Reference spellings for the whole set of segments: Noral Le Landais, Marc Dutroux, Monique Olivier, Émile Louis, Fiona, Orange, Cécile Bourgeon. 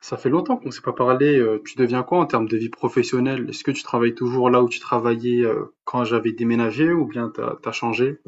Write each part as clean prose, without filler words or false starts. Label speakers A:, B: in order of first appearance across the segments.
A: Ça fait longtemps qu'on ne s'est pas parlé. Tu deviens quoi en termes de vie professionnelle? Est-ce que tu travailles toujours là où tu travaillais quand j'avais déménagé ou bien t'as changé?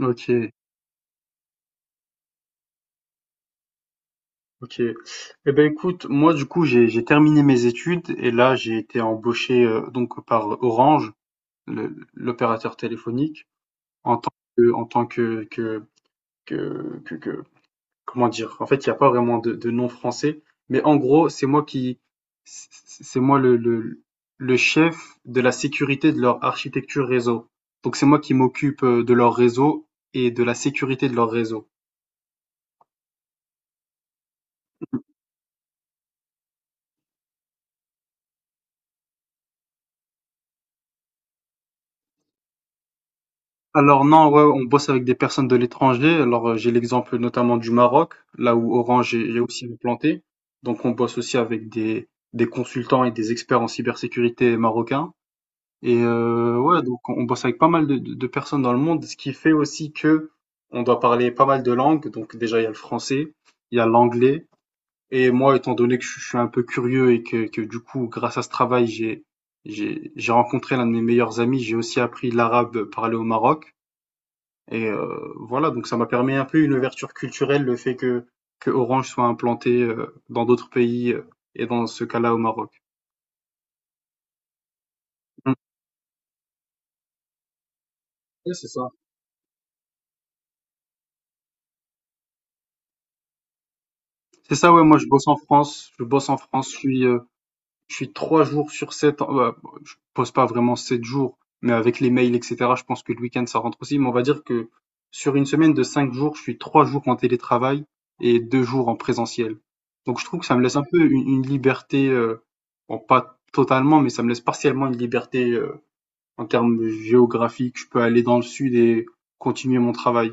A: Ok, ok. Eh ben écoute, moi du coup j'ai terminé mes études et là j'ai été embauché, donc par Orange, l'opérateur téléphonique, en tant que en tant que comment dire? En fait, il n'y a pas vraiment de nom français, mais en gros, c'est moi qui, c'est moi le chef de la sécurité de leur architecture réseau. Donc c'est moi qui m'occupe de leur réseau et de la sécurité de leur réseau. Alors non, ouais, on bosse avec des personnes de l'étranger. Alors j'ai l'exemple notamment du Maroc, là où Orange est aussi implanté. Donc on bosse aussi avec des consultants et des experts en cybersécurité marocains. Et ouais, donc on bosse avec pas mal de, de personnes dans le monde, ce qui fait aussi que on doit parler pas mal de langues. Donc déjà, il y a le français, il y a l'anglais. Et moi, étant donné que je suis un peu curieux et que du coup, grâce à ce travail, j'ai rencontré l'un de mes meilleurs amis. J'ai aussi appris l'arabe parlé au Maroc. Et voilà, donc ça m'a permis un peu une ouverture culturelle, le fait que Orange soit implanté dans d'autres pays, et dans ce cas-là au Maroc. Mm. Ouais, c'est ça. C'est ça, ouais, moi je bosse en France, je bosse en France, je suis, je suis 3 jours sur 7. Bah, je pose pas vraiment 7 jours, mais avec les mails, et cetera, je pense que le week-end, ça rentre aussi, mais on va dire que sur une semaine de 5 jours, je suis 3 jours en télétravail et 2 jours en présentiel. Donc je trouve que ça me laisse un peu une liberté, bon, pas totalement, mais ça me laisse partiellement une liberté en termes géographiques. Je peux aller dans le sud et continuer mon travail.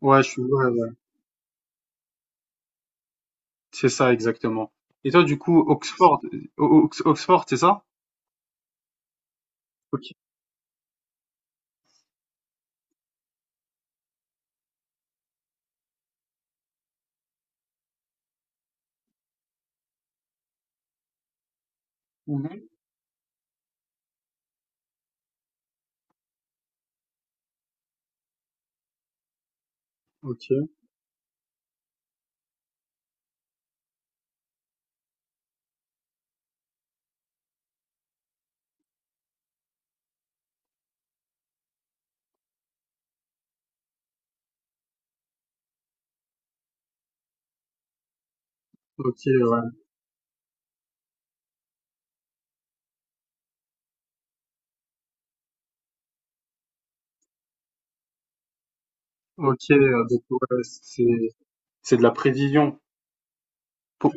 A: Ouais, je suis, ouais, ouais, c'est ça exactement. Et toi, du coup, Oxford, Oxford, c'est ça? Ok. Mhm. Ok, ok, ouais. OK, donc ouais, c'est de la prévision pour…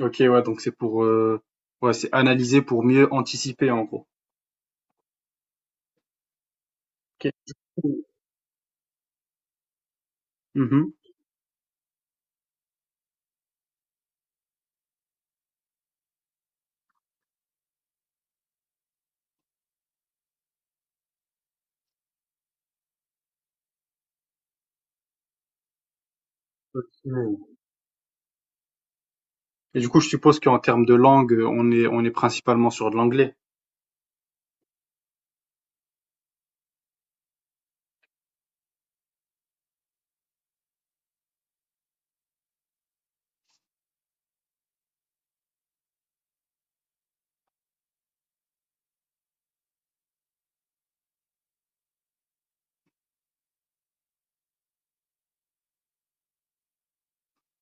A: OK, ouais, donc c'est pour, ouais, c'est analyser pour mieux anticiper, en gros. OK. Mmh. OK. Et du coup, je suppose qu'en termes de langue, on est principalement sur de l'anglais?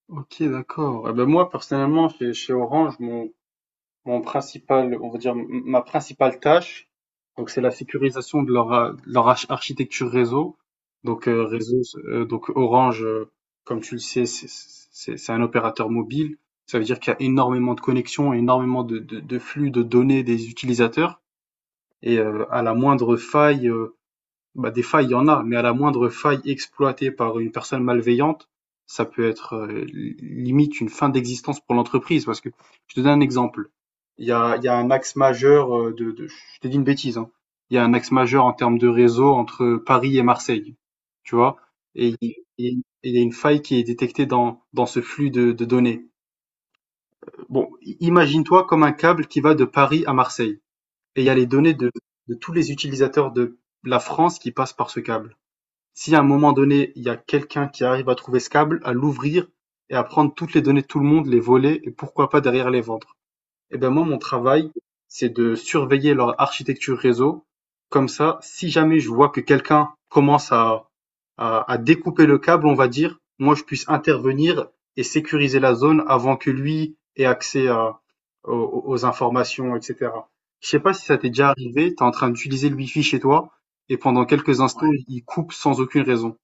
A: OK, d'accord. Et ben moi, personnellement, chez chez Orange, mon principal, on va dire, ma principale tâche, donc c'est la sécurisation de leur, de leur architecture réseau. Donc réseau, donc Orange, comme tu le sais, c'est un opérateur mobile. Ça veut dire qu'il y a énormément de connexions, énormément de flux de données des utilisateurs. Et à la moindre faille, bah, des failles, il y en a, mais à la moindre faille exploitée par une personne malveillante, ça peut être, limite une fin d'existence pour l'entreprise. Parce que je te donne un exemple. Il y a un axe majeur, je t'ai dit une bêtise, hein. Il y a un axe majeur en termes de réseau entre Paris et Marseille, tu vois. Et il y a une faille qui est détectée dans ce flux de données. Bon, imagine-toi comme un câble qui va de Paris à Marseille. Et il y a les données de tous les utilisateurs de la France qui passent par ce câble. Si à un moment donné il y a quelqu'un qui arrive à trouver ce câble, à l'ouvrir et à prendre toutes les données de tout le monde, les voler et pourquoi pas derrière les vendre. Eh ben moi, mon travail, c'est de surveiller leur architecture réseau. Comme ça, si jamais je vois que quelqu'un commence à découper le câble, on va dire, moi, je puisse intervenir et sécuriser la zone avant que lui ait accès aux informations, etc. Je sais pas si ça t'est déjà arrivé, t'es en train d'utiliser le wifi chez toi et pendant quelques instants, il coupe sans aucune raison.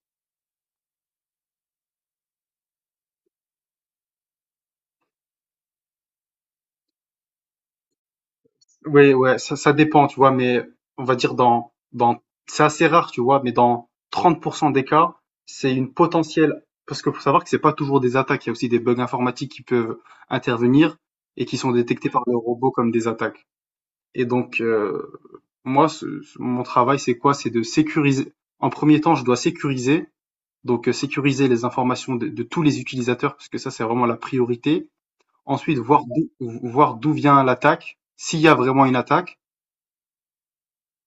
A: Oui, ouais, ça dépend, tu vois, mais on va dire c'est assez rare, tu vois, mais dans 30% des cas, c'est une potentielle, parce qu'il faut savoir que c'est pas toujours des attaques, il y a aussi des bugs informatiques qui peuvent intervenir et qui sont détectés par le robot comme des attaques. Et donc, moi, mon travail, c'est quoi? C'est de sécuriser. En premier temps, je dois sécuriser, donc sécuriser les informations de tous les utilisateurs, parce que ça, c'est vraiment la priorité. Ensuite, voir d'où vient l'attaque, s'il y a vraiment une attaque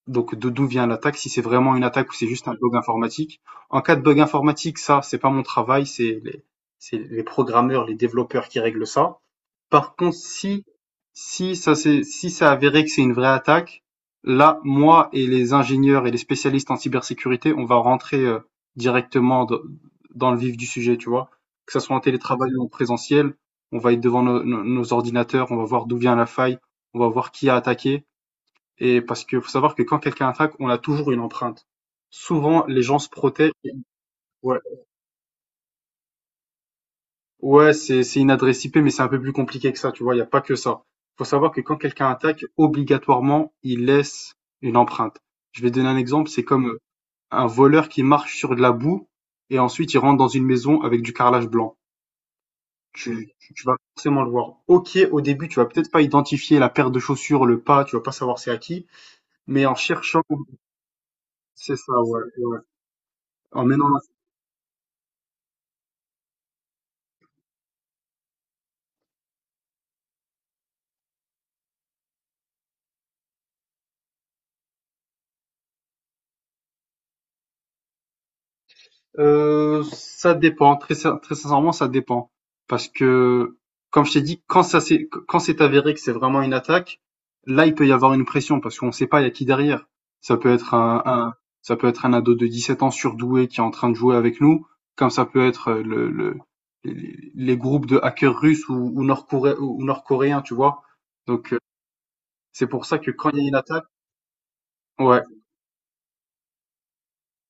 A: donc de d'où vient l'attaque, si c'est vraiment une attaque ou c'est juste un bug informatique. En cas de bug informatique, ça, c'est pas mon travail, c'est les programmeurs, les développeurs qui règlent ça. Par contre, si ça avéré que c'est une vraie attaque, là, moi et les ingénieurs et les spécialistes en cybersécurité, on va rentrer, directement dans le vif du sujet, tu vois. Que ça soit en télétravail ou en présentiel, on va être devant nos ordinateurs, on va voir d'où vient la faille, on va voir qui a attaqué. Et parce que faut savoir que quand quelqu'un attaque, on a toujours une empreinte. Souvent, les gens se protègent. Ouais, ouais, c'est une adresse IP, mais c'est un peu plus compliqué que ça, tu vois. Il y a pas que ça. Faut savoir que quand quelqu'un attaque, obligatoirement, il laisse une empreinte. Je vais donner un exemple. C'est comme un voleur qui marche sur de la boue et ensuite il rentre dans une maison avec du carrelage blanc. Tu vas forcément le voir. Ok, au début, tu vas peut-être pas identifier la paire de chaussures, le pas, tu vas pas savoir c'est à qui, mais en cherchant, c'est ça, ouais, ouais. En menant… ça dépend, très sincèrement, ça dépend. Parce que, comme je t'ai dit, quand ça s'est quand c'est avéré que c'est vraiment une attaque, là, il peut y avoir une pression parce qu'on ne sait pas il y a qui derrière. Ça peut être un ça peut être un ado de 17 ans surdoué qui est en train de jouer avec nous, comme ça peut être, le les groupes de hackers russes ou nord-coréens, tu vois? Donc c'est pour ça que quand il y a une attaque… Ouais.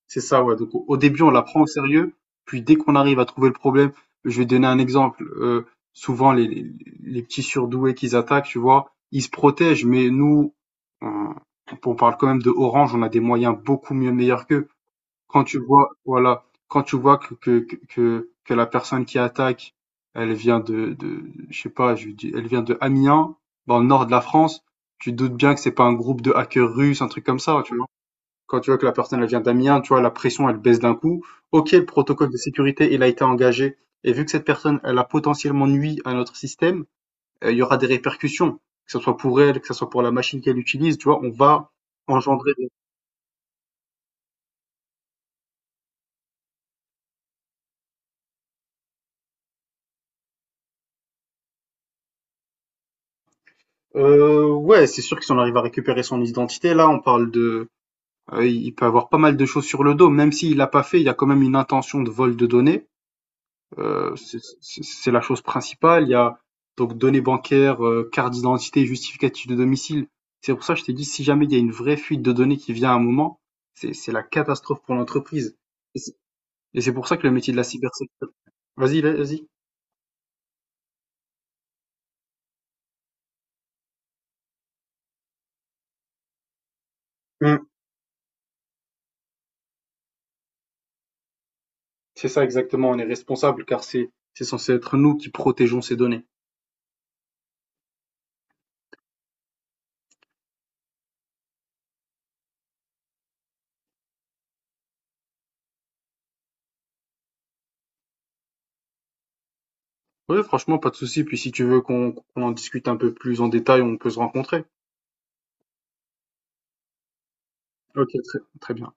A: C'est ça, ouais. Donc, au début, on la prend au sérieux, puis dès qu'on arrive à trouver le problème, je vais donner un exemple. Souvent, les petits surdoués qu'ils attaquent, tu vois, ils se protègent, mais nous, on, on parle quand même de Orange, on a des moyens beaucoup mieux meilleurs qu'eux. Quand tu vois, voilà, quand tu vois que la personne qui attaque, elle vient de je sais pas, je dis, elle vient de Amiens, dans le nord de la France, tu te doutes bien que c'est pas un groupe de hackers russes, un truc comme ça, tu vois. Quand tu vois que la personne elle vient d'Amiens, tu vois, la pression, elle baisse d'un coup. Ok, le protocole de sécurité, il a été engagé. Et vu que cette personne, elle a potentiellement nuit à notre système, il y aura des répercussions, que ce soit pour elle, que ce soit pour la machine qu'elle utilise, tu vois, on va engendrer ouais, c'est sûr que si on arrive à récupérer son identité, là, il peut avoir pas mal de choses sur le dos, même s'il l'a pas fait, il y a quand même une intention de vol de données. C'est la chose principale. Il y a donc données bancaires, carte d'identité, justificatif de domicile. C'est pour ça que je t'ai dit, si jamais il y a une vraie fuite de données qui vient à un moment, c'est la catastrophe pour l'entreprise. Et c'est et c'est pour ça que le métier de la cybersécurité… Vas-y, là, vas-y. Hum, C'est ça exactement, on est responsable car c'est censé être nous qui protégeons ces données. Oui, franchement, pas de souci. Puis si tu veux qu'on en discute un peu plus en détail, on peut se rencontrer. Ok, très, très bien.